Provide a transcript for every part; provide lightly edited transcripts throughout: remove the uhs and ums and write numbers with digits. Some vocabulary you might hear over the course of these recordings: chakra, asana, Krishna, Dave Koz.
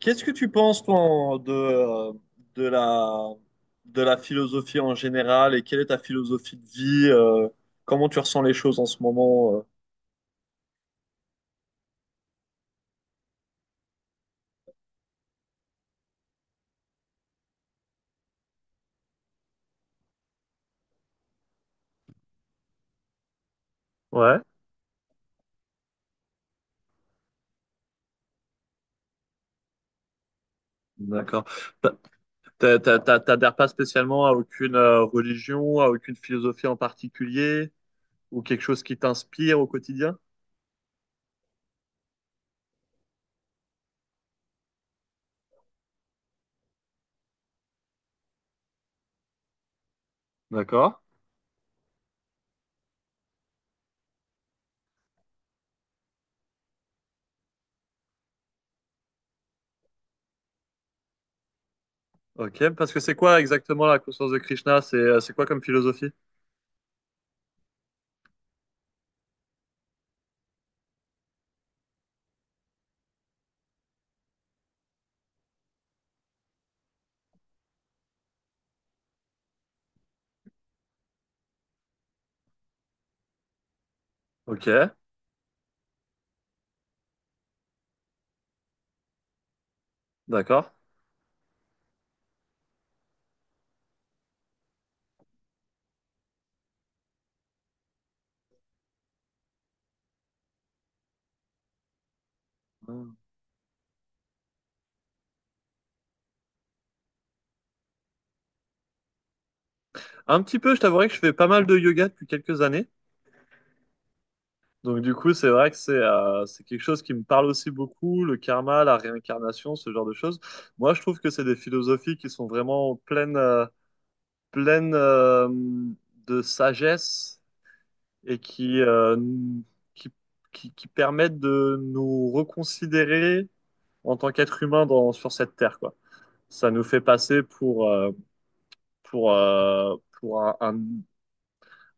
Qu'est-ce que tu penses, toi, de la, de la philosophie en général? Et quelle est ta philosophie de vie? Comment tu ressens les choses en ce moment? Ouais, d'accord. T'adhères pas spécialement à aucune religion, à aucune philosophie en particulier, ou quelque chose qui t'inspire au quotidien? D'accord. Ok, parce que c'est quoi exactement la conscience de Krishna? C'est quoi comme philosophie? Ok, d'accord. Hmm. Un petit peu, je t'avouerai que je fais pas mal de yoga depuis quelques années. Donc du coup, c'est vrai que c'est quelque chose qui me parle aussi beaucoup, le karma, la réincarnation, ce genre de choses. Moi, je trouve que c'est des philosophies qui sont vraiment pleines de sagesse et qui, euh, qui, qui, qui permettent de nous reconsidérer en tant qu'être humain sur cette terre, quoi. Ça nous fait passer pour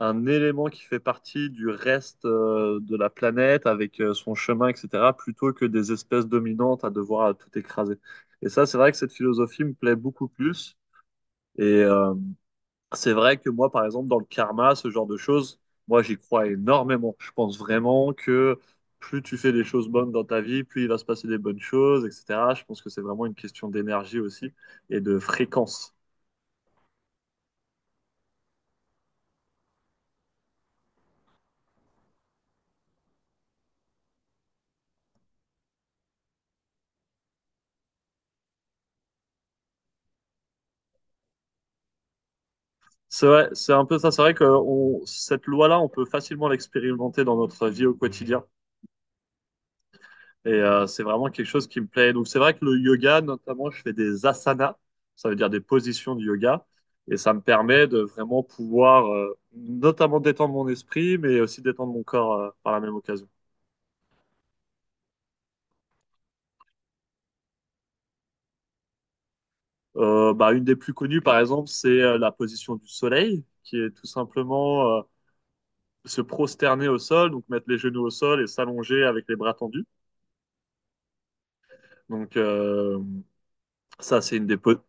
un élément qui fait partie du reste de la planète avec son chemin, etc., plutôt que des espèces dominantes à devoir tout écraser. Et ça, c'est vrai que cette philosophie me plaît beaucoup plus. Et, euh, C'est vrai que moi, par exemple, dans le karma, ce genre de choses, moi, j'y crois énormément. Je pense vraiment que plus tu fais des choses bonnes dans ta vie, plus il va se passer des bonnes choses, etc. Je pense que c'est vraiment une question d'énergie aussi et de fréquence. C'est vrai, c'est un peu ça. C'est vrai que cette loi-là, on peut facilement l'expérimenter dans notre vie au quotidien. Et c'est vraiment quelque chose qui me plaît. Donc c'est vrai que le yoga, notamment, je fais des asanas, ça veut dire des positions de yoga, et ça me permet de vraiment pouvoir notamment détendre mon esprit, mais aussi détendre mon corps par la même occasion. Bah, une des plus connues, par exemple, c'est la position du soleil, qui est tout simplement se prosterner au sol, donc mettre les genoux au sol et s'allonger avec les bras tendus. Donc ça, c'est une des, po-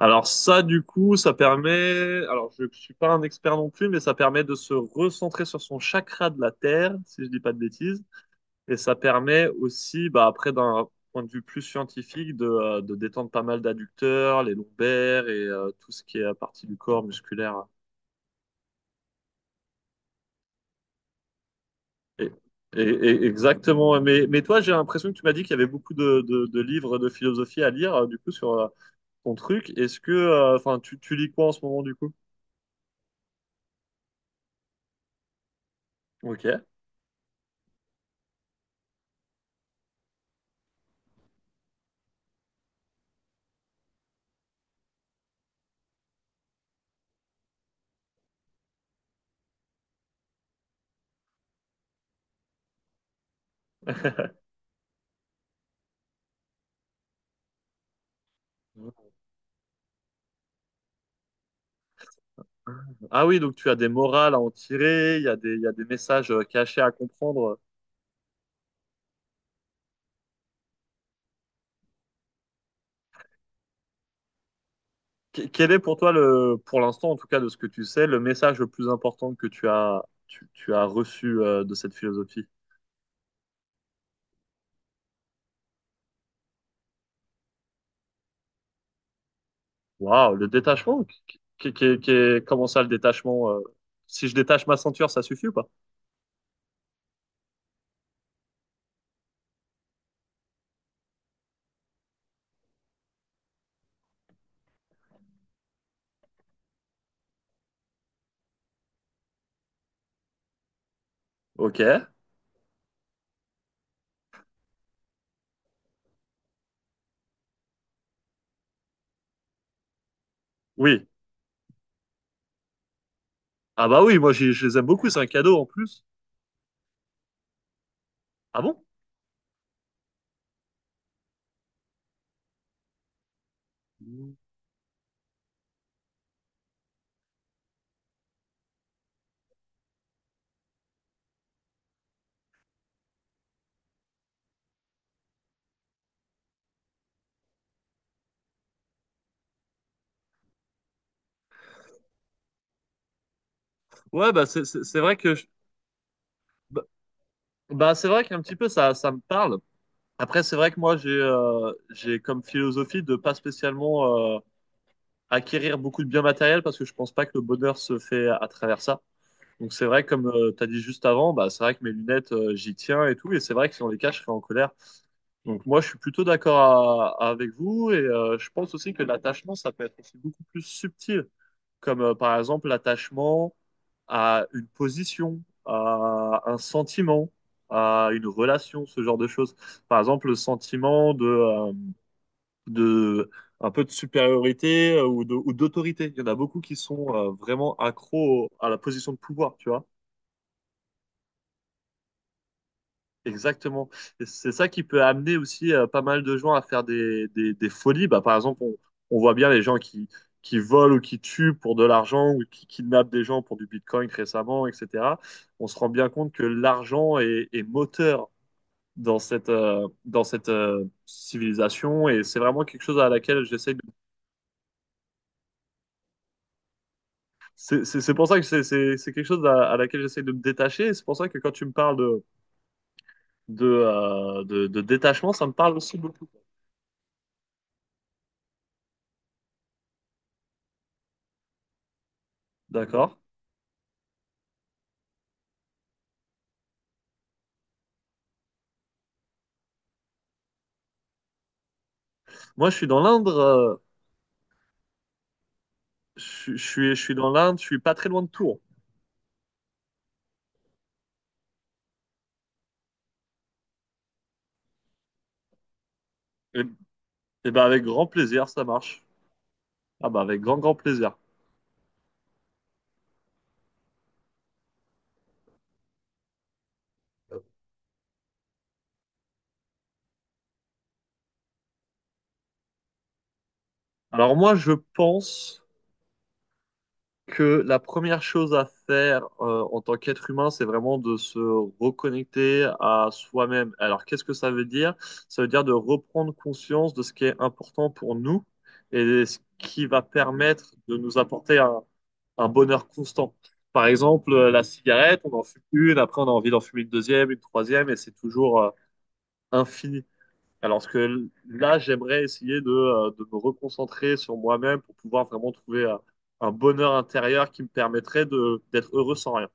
Alors ça, du coup, ça permet, alors je suis pas un expert non plus, mais ça permet de se recentrer sur son chakra de la Terre, si je dis pas de bêtises, et ça permet aussi, bah, après d'un point de vue plus scientifique, de détendre pas mal d'adducteurs, les lombaires et tout ce qui est à partie du corps musculaire. Et, exactement. Mais toi, j'ai l'impression que tu m'as dit qu'il y avait beaucoup de livres de philosophie à lire, du coup, sur ton truc. Est-ce que, enfin, tu lis quoi en ce moment, du coup? Ok. Ah oui, donc tu as des morales à en tirer, il y a il y a des messages cachés à comprendre. Quel est pour toi le, pour l'instant en tout cas de ce que tu sais, le message le plus important que tu as reçu de cette philosophie? Waouh, le détachement? Comment ça le détachement? Si je détache ma ceinture, ça suffit ou pas? Ok, oui. Ah bah oui, je les aime beaucoup, c'est un cadeau en plus. Ah bon? C'est vrai que bah, c'est vrai qu'un petit peu ça, ça me parle. Après, c'est vrai que moi, j'ai comme philosophie de pas spécialement acquérir beaucoup de biens matériels parce que je pense pas que le bonheur se fait à travers ça. Donc c'est vrai, comme tu as dit juste avant, bah, c'est vrai que mes lunettes, j'y tiens et tout. Et c'est vrai que si on les cache, je serais en colère. Donc moi, je suis plutôt d'accord avec vous et je pense aussi que l'attachement, ça peut être aussi beaucoup plus subtil, comme par exemple l'attachement à une position, à un sentiment, à une relation, ce genre de choses. Par exemple, le sentiment de un peu de supériorité ou d'autorité. Il y en a beaucoup qui sont vraiment accros à la position de pouvoir, tu vois. Exactement. Et c'est ça qui peut amener aussi pas mal de gens à faire des folies. Bah, par exemple, on voit bien les gens qui volent ou qui tuent pour de l'argent ou qui kidnappent des gens pour du Bitcoin récemment, etc. On se rend bien compte que est moteur dans dans cette civilisation et c'est vraiment quelque chose à laquelle j'essaie de... C'est pour ça que c'est quelque chose à laquelle j'essaie de me détacher, et c'est pour ça que quand tu me parles de détachement, ça me parle aussi beaucoup. D'accord? Moi, je suis dans l'Indre, je suis dans l'Indre, je suis pas très loin de Tours. Et, et ben avec grand plaisir, ça marche. Ah bah avec grand grand plaisir. Alors moi, je pense que la première chose à faire en tant qu'être humain, c'est vraiment de se reconnecter à soi-même. Alors qu'est-ce que ça veut dire? Ça veut dire de reprendre conscience de ce qui est important pour nous et ce qui va permettre de nous apporter un bonheur constant. Par exemple, la cigarette, on en fume une, après on a envie d'en fumer une deuxième, une troisième, et c'est toujours infini. Alors que là, j'aimerais essayer de me reconcentrer sur moi-même pour pouvoir vraiment trouver un bonheur intérieur qui me permettrait de d'être heureux sans rien.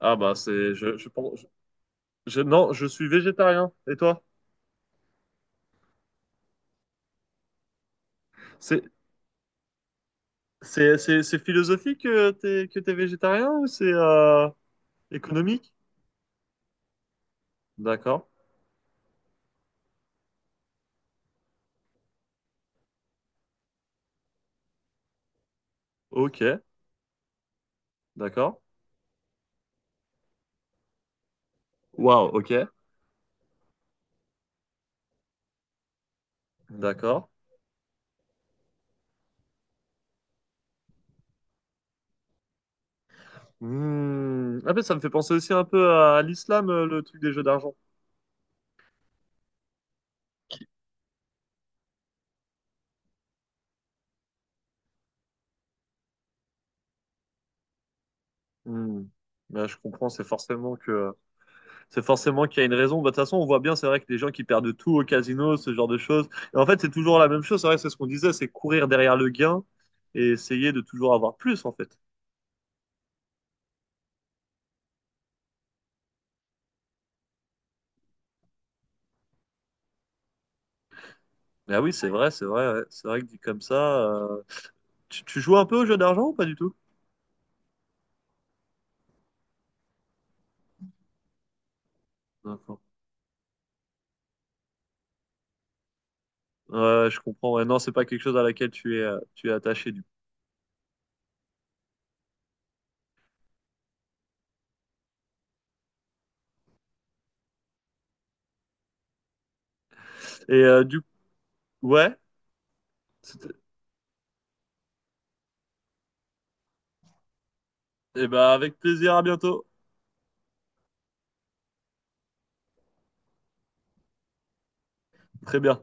Ah bah c'est, je pense, je- Non, je suis végétarien. Et toi? C'est, c'est philosophique que t'es végétarien ou c'est économique? D'accord. Ok. D'accord. Waouh. Ok. D'accord. Hmm. Ah ben, ça me fait penser aussi un peu à l'islam, le truc des jeux d'argent. Hmm. Ben, je comprends, c'est forcément qu'il y a une raison. Bah, de toute façon, on voit bien, c'est vrai que les gens qui perdent tout au casino, ce genre de choses. Et en fait, c'est toujours la même chose. C'est vrai, c'est ce qu'on disait, c'est courir derrière le gain et essayer de toujours avoir plus, en fait. Ah oui, c'est vrai, ouais. C'est vrai que dit comme ça, euh, tu joues un peu aux jeux d'argent ou pas du tout? D'accord. Ouais, je comprends. Ouais, non, c'est pas quelque chose à laquelle tu es attaché du coup. Et euh, du, ouais. Eh ben avec plaisir, à bientôt. Très bien.